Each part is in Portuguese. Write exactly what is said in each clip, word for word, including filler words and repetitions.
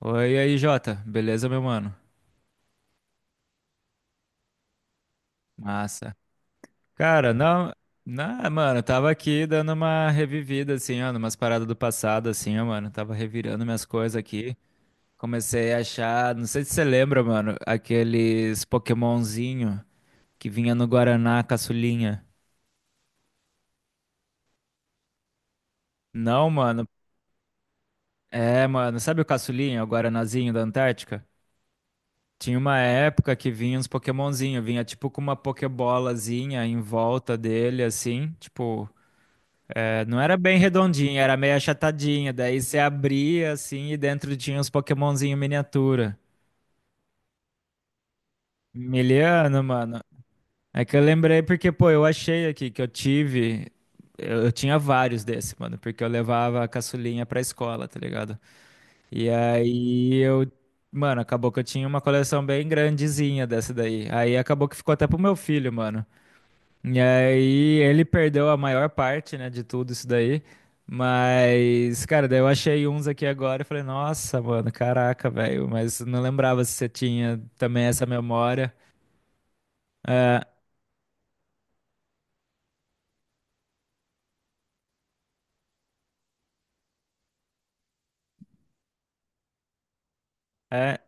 Oi, e aí, Jota. Beleza, meu mano? Massa. Cara, não, não, mano, eu tava aqui dando uma revivida, assim, ó, numas paradas do passado, assim, ó, mano. Tava revirando minhas coisas aqui. Comecei a achar, não sei se você lembra, mano, aqueles Pokémonzinho que vinha no Guaraná, caçulinha. Não, mano. É, mano, sabe o caçulinha, o Guaranazinho da Antártica? Tinha uma época que vinha uns Pokémonzinho, vinha tipo com uma Pokébolazinha em volta dele, assim, tipo. É, não era bem redondinha, era meio achatadinha. Daí você abria assim e dentro tinha uns Pokémonzinho miniatura. Miliano, mano. É que eu lembrei porque, pô, eu achei aqui que eu tive. Eu, eu tinha vários desse, mano, porque eu levava a caçulinha pra escola, tá ligado? E aí eu. Mano, acabou que eu tinha uma coleção bem grandezinha dessa daí. Aí acabou que ficou até pro meu filho, mano. E aí ele perdeu a maior parte, né, de tudo isso daí. Mas, cara, daí eu achei uns aqui agora e falei, nossa, mano, caraca, velho. Mas não lembrava se você tinha também essa memória. É, é.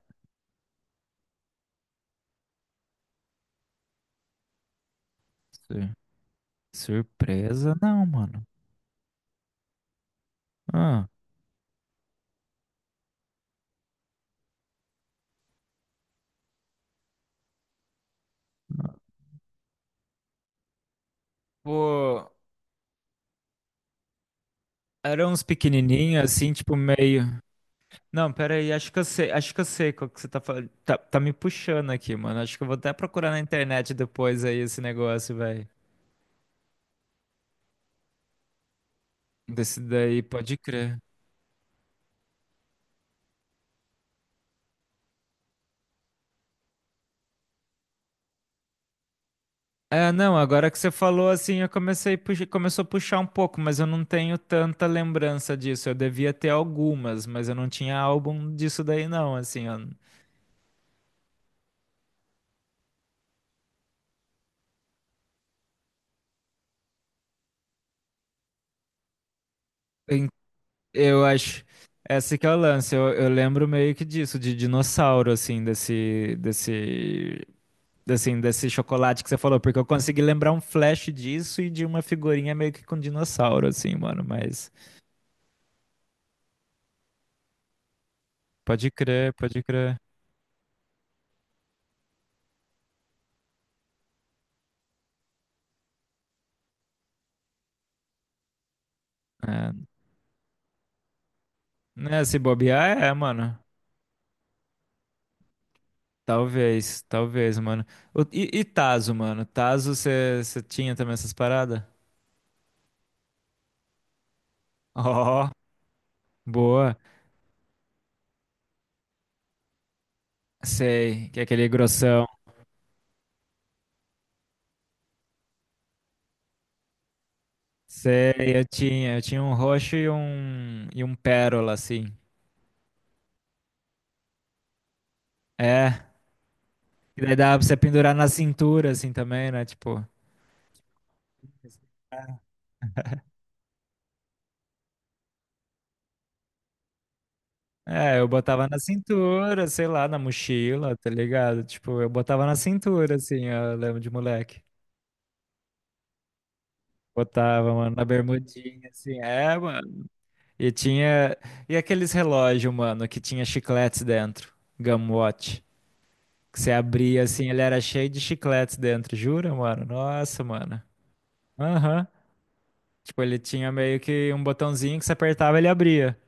sur- Surpresa? Não, mano. Ah. Pô, eram uns pequenininhos, assim, tipo meio. Não, pera aí, acho que eu sei, acho que eu sei qual que você tá falando. Tá, tá me puxando aqui, mano. Acho que eu vou até procurar na internet depois aí esse negócio, velho. Desse daí, pode crer. É, não, agora que você falou assim, eu comecei, a puxar- começou a puxar um pouco, mas eu não tenho tanta lembrança disso. Eu devia ter algumas, mas eu não tinha álbum disso daí, não, assim. Eu, em- eu acho. Esse que é o lance. Eu, eu lembro meio que disso, de dinossauro, assim, desse, desse, assim, desse chocolate que você falou, porque eu consegui lembrar um flash disso e de uma figurinha meio que com dinossauro, assim, mano. Mas pode crer, pode crer. É, né, se bobear, é, mano. Talvez, talvez, mano. O- e, e Tazo, mano? Tazo, você tinha também essas paradas? Ó, boa. Sei, que é aquele grossão. Sei, eu tinha. Eu tinha um roxo e um, e um pérola, assim. É, e daí dava pra você pendurar na cintura, assim, também, né? Tipo, é, eu botava na cintura, sei lá, na mochila, tá ligado? Tipo, eu botava na cintura, assim, eu lembro de moleque. Botava, mano, na bermudinha, assim. É, mano. E tinha. E aqueles relógios, mano, que tinha chicletes dentro. Gumwatch. Que você abria assim, ele era cheio de chicletes dentro. Jura, mano? Nossa, mano. Aham. Tipo, ele tinha meio que um botãozinho que você apertava e ele abria.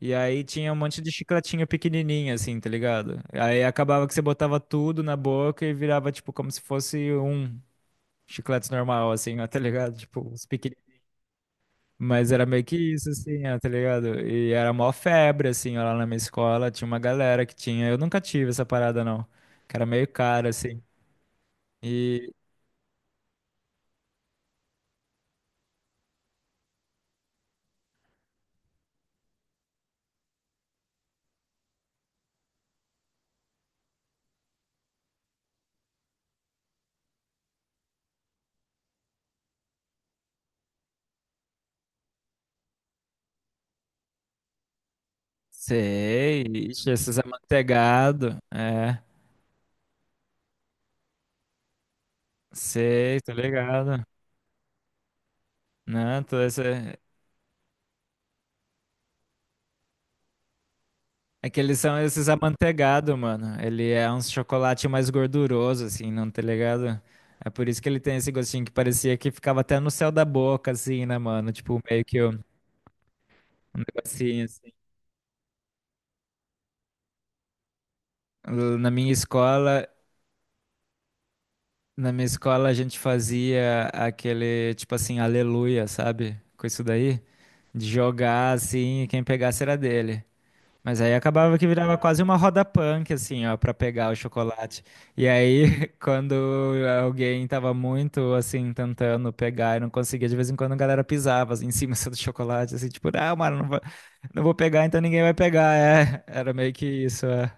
E aí tinha um monte de chicletinho pequenininho, assim, tá ligado? Aí acabava que você botava tudo na boca e virava, tipo, como se fosse um chiclete normal, assim, ó, tá ligado? Tipo, os Mas era meio que isso, assim, ó, tá ligado? E era mó febre, assim, ó, lá na minha escola. Tinha uma galera que tinha. Eu nunca tive essa parada, não. Que era meio cara, assim. E sei, ixi, esses amanteigados. É, sei, tô ligado. Né? Tô esse... É que eles são esses amanteigados, mano. Ele é um chocolate mais gorduroso, assim, não tá ligado? É por isso que ele tem esse gostinho que parecia que ficava até no céu da boca, assim, né, mano? Tipo, meio que um um negocinho. Assim. Na minha escola, na minha escola a gente fazia aquele, tipo assim, aleluia, sabe? Com isso daí, de jogar assim, e quem pegasse era dele. Mas aí acabava que virava quase uma roda punk, assim, ó, pra pegar o chocolate. E aí, quando alguém tava muito, assim, tentando pegar e não conseguia, de vez em quando a galera pisava assim, em cima assim, do chocolate, assim, tipo, ah, mano, não vou, não vou pegar, então ninguém vai pegar, é. Era meio que isso, é.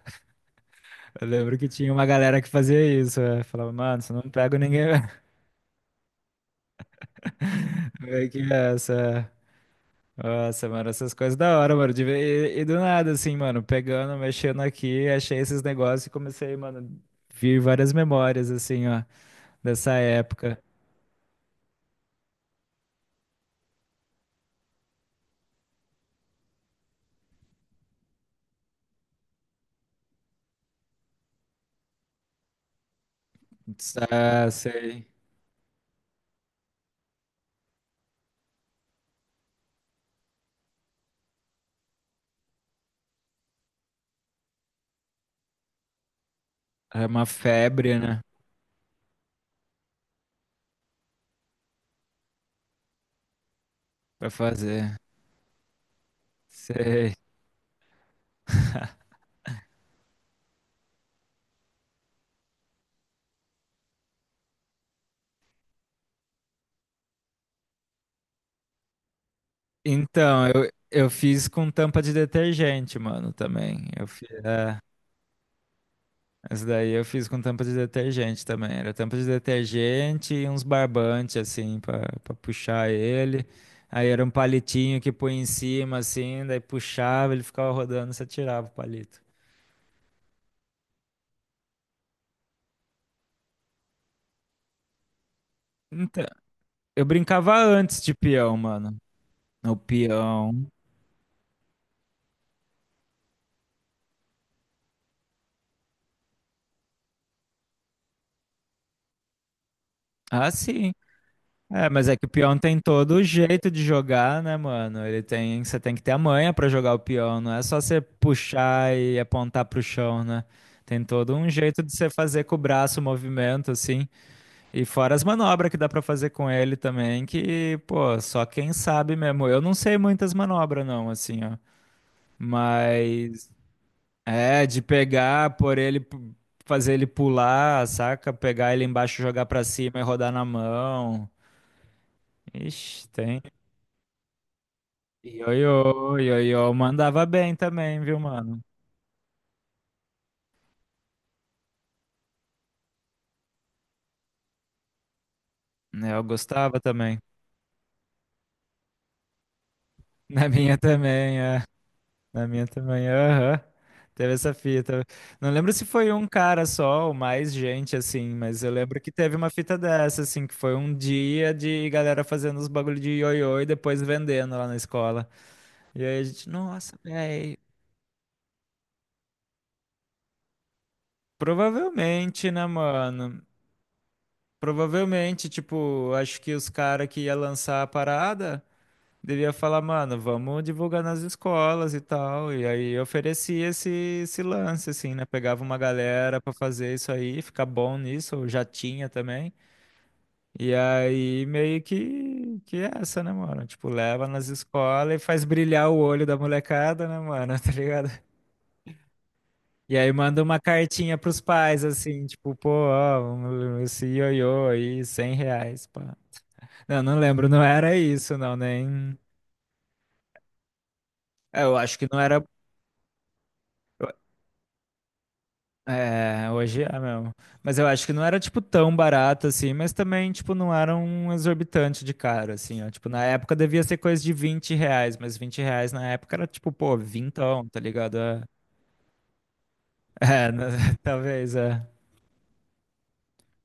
Eu lembro que tinha uma galera que fazia isso. é. Falava, mano, se eu não pego ninguém. vai que essa. Nossa, mano, essas coisas da hora, mano. de ver- E, e do nada, assim, mano, pegando, mexendo aqui, achei esses negócios e comecei, mano, vir várias memórias, assim, ó, dessa época. Ah, sei. Era uma febre, né? Pra fazer. Sei. Então, eu, eu fiz com tampa de detergente, mano, também. Eu fiz. Essa daí eu fiz com tampa de detergente também. Era tampa de detergente e uns barbantes, assim, pra, pra puxar ele. Aí era um palitinho que põe em cima, assim, daí puxava, ele ficava rodando, você tirava o palito. Então, eu brincava antes de peão, mano. No peão. Ah, sim. É, mas é que o peão tem todo o jeito de jogar, né, mano? Ele tem, você tem que ter a manha pra jogar o peão, não é só você puxar e apontar pro chão, né? Tem todo um jeito de você fazer com o braço o movimento, assim, e fora as manobras que dá pra fazer com ele também, que, pô, só quem sabe mesmo. Eu não sei muitas manobras, não, assim, ó. Mas é de pegar, por ele, pu- fazer ele pular, saca? Pegar ele embaixo, jogar pra cima e rodar na mão. Ixi, tem. Ioiô, ioiô, mandava bem também, viu, mano? Né, eu gostava também. Na minha também, é. Na minha também, aham. Teve essa fita. Não lembro se foi um cara só ou mais gente, assim, mas eu lembro que teve uma fita dessa, assim, que foi um dia de galera fazendo os bagulho de ioiô e depois vendendo lá na escola. E aí a gente, nossa, velho. Provavelmente, né, mano? Provavelmente, tipo, acho que os caras que ia lançar a parada. Devia falar, mano, vamos divulgar nas escolas e tal. E aí eu oferecia esse, esse lance, assim, né? Pegava uma galera pra fazer isso aí, ficar bom nisso, eu já tinha também. E aí meio que, que é essa, né, mano? Tipo, leva nas escolas e faz brilhar o olho da molecada, né, mano? Tá ligado? E aí manda uma cartinha pros pais, assim, tipo, pô, ó, um- esse ioiô aí, cem reais, pá. Não, não lembro, não era isso, não, nem. É, eu acho que não era. É, hoje é mesmo. Mas eu acho que não era, tipo, tão barato assim, mas também, tipo, não era um exorbitante de caro, assim, ó. Tipo, na época devia ser coisa de vinte reais, mas vinte reais na época era, tipo, pô, vintão, tá ligado? É, é, né, talvez, é.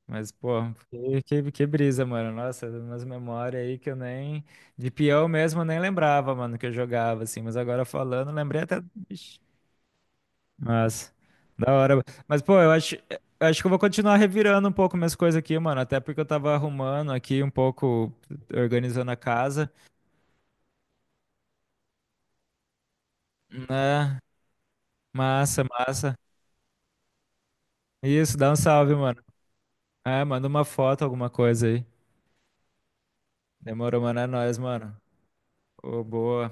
Mas, pô, que, que, que brisa, mano. Nossa, umas memórias aí que eu nem. De peão mesmo eu nem lembrava, mano, que eu jogava, assim. Mas agora falando, lembrei até. Mas, da hora. Mas, pô, eu acho, eu acho que eu vou continuar revirando um pouco minhas coisas aqui, mano. Até porque eu tava arrumando aqui um pouco, organizando a casa, né? Massa, massa. Isso, dá um salve, mano. É, manda uma foto, alguma coisa aí. Demorou, mano. É nóis, mano. Ô, boa.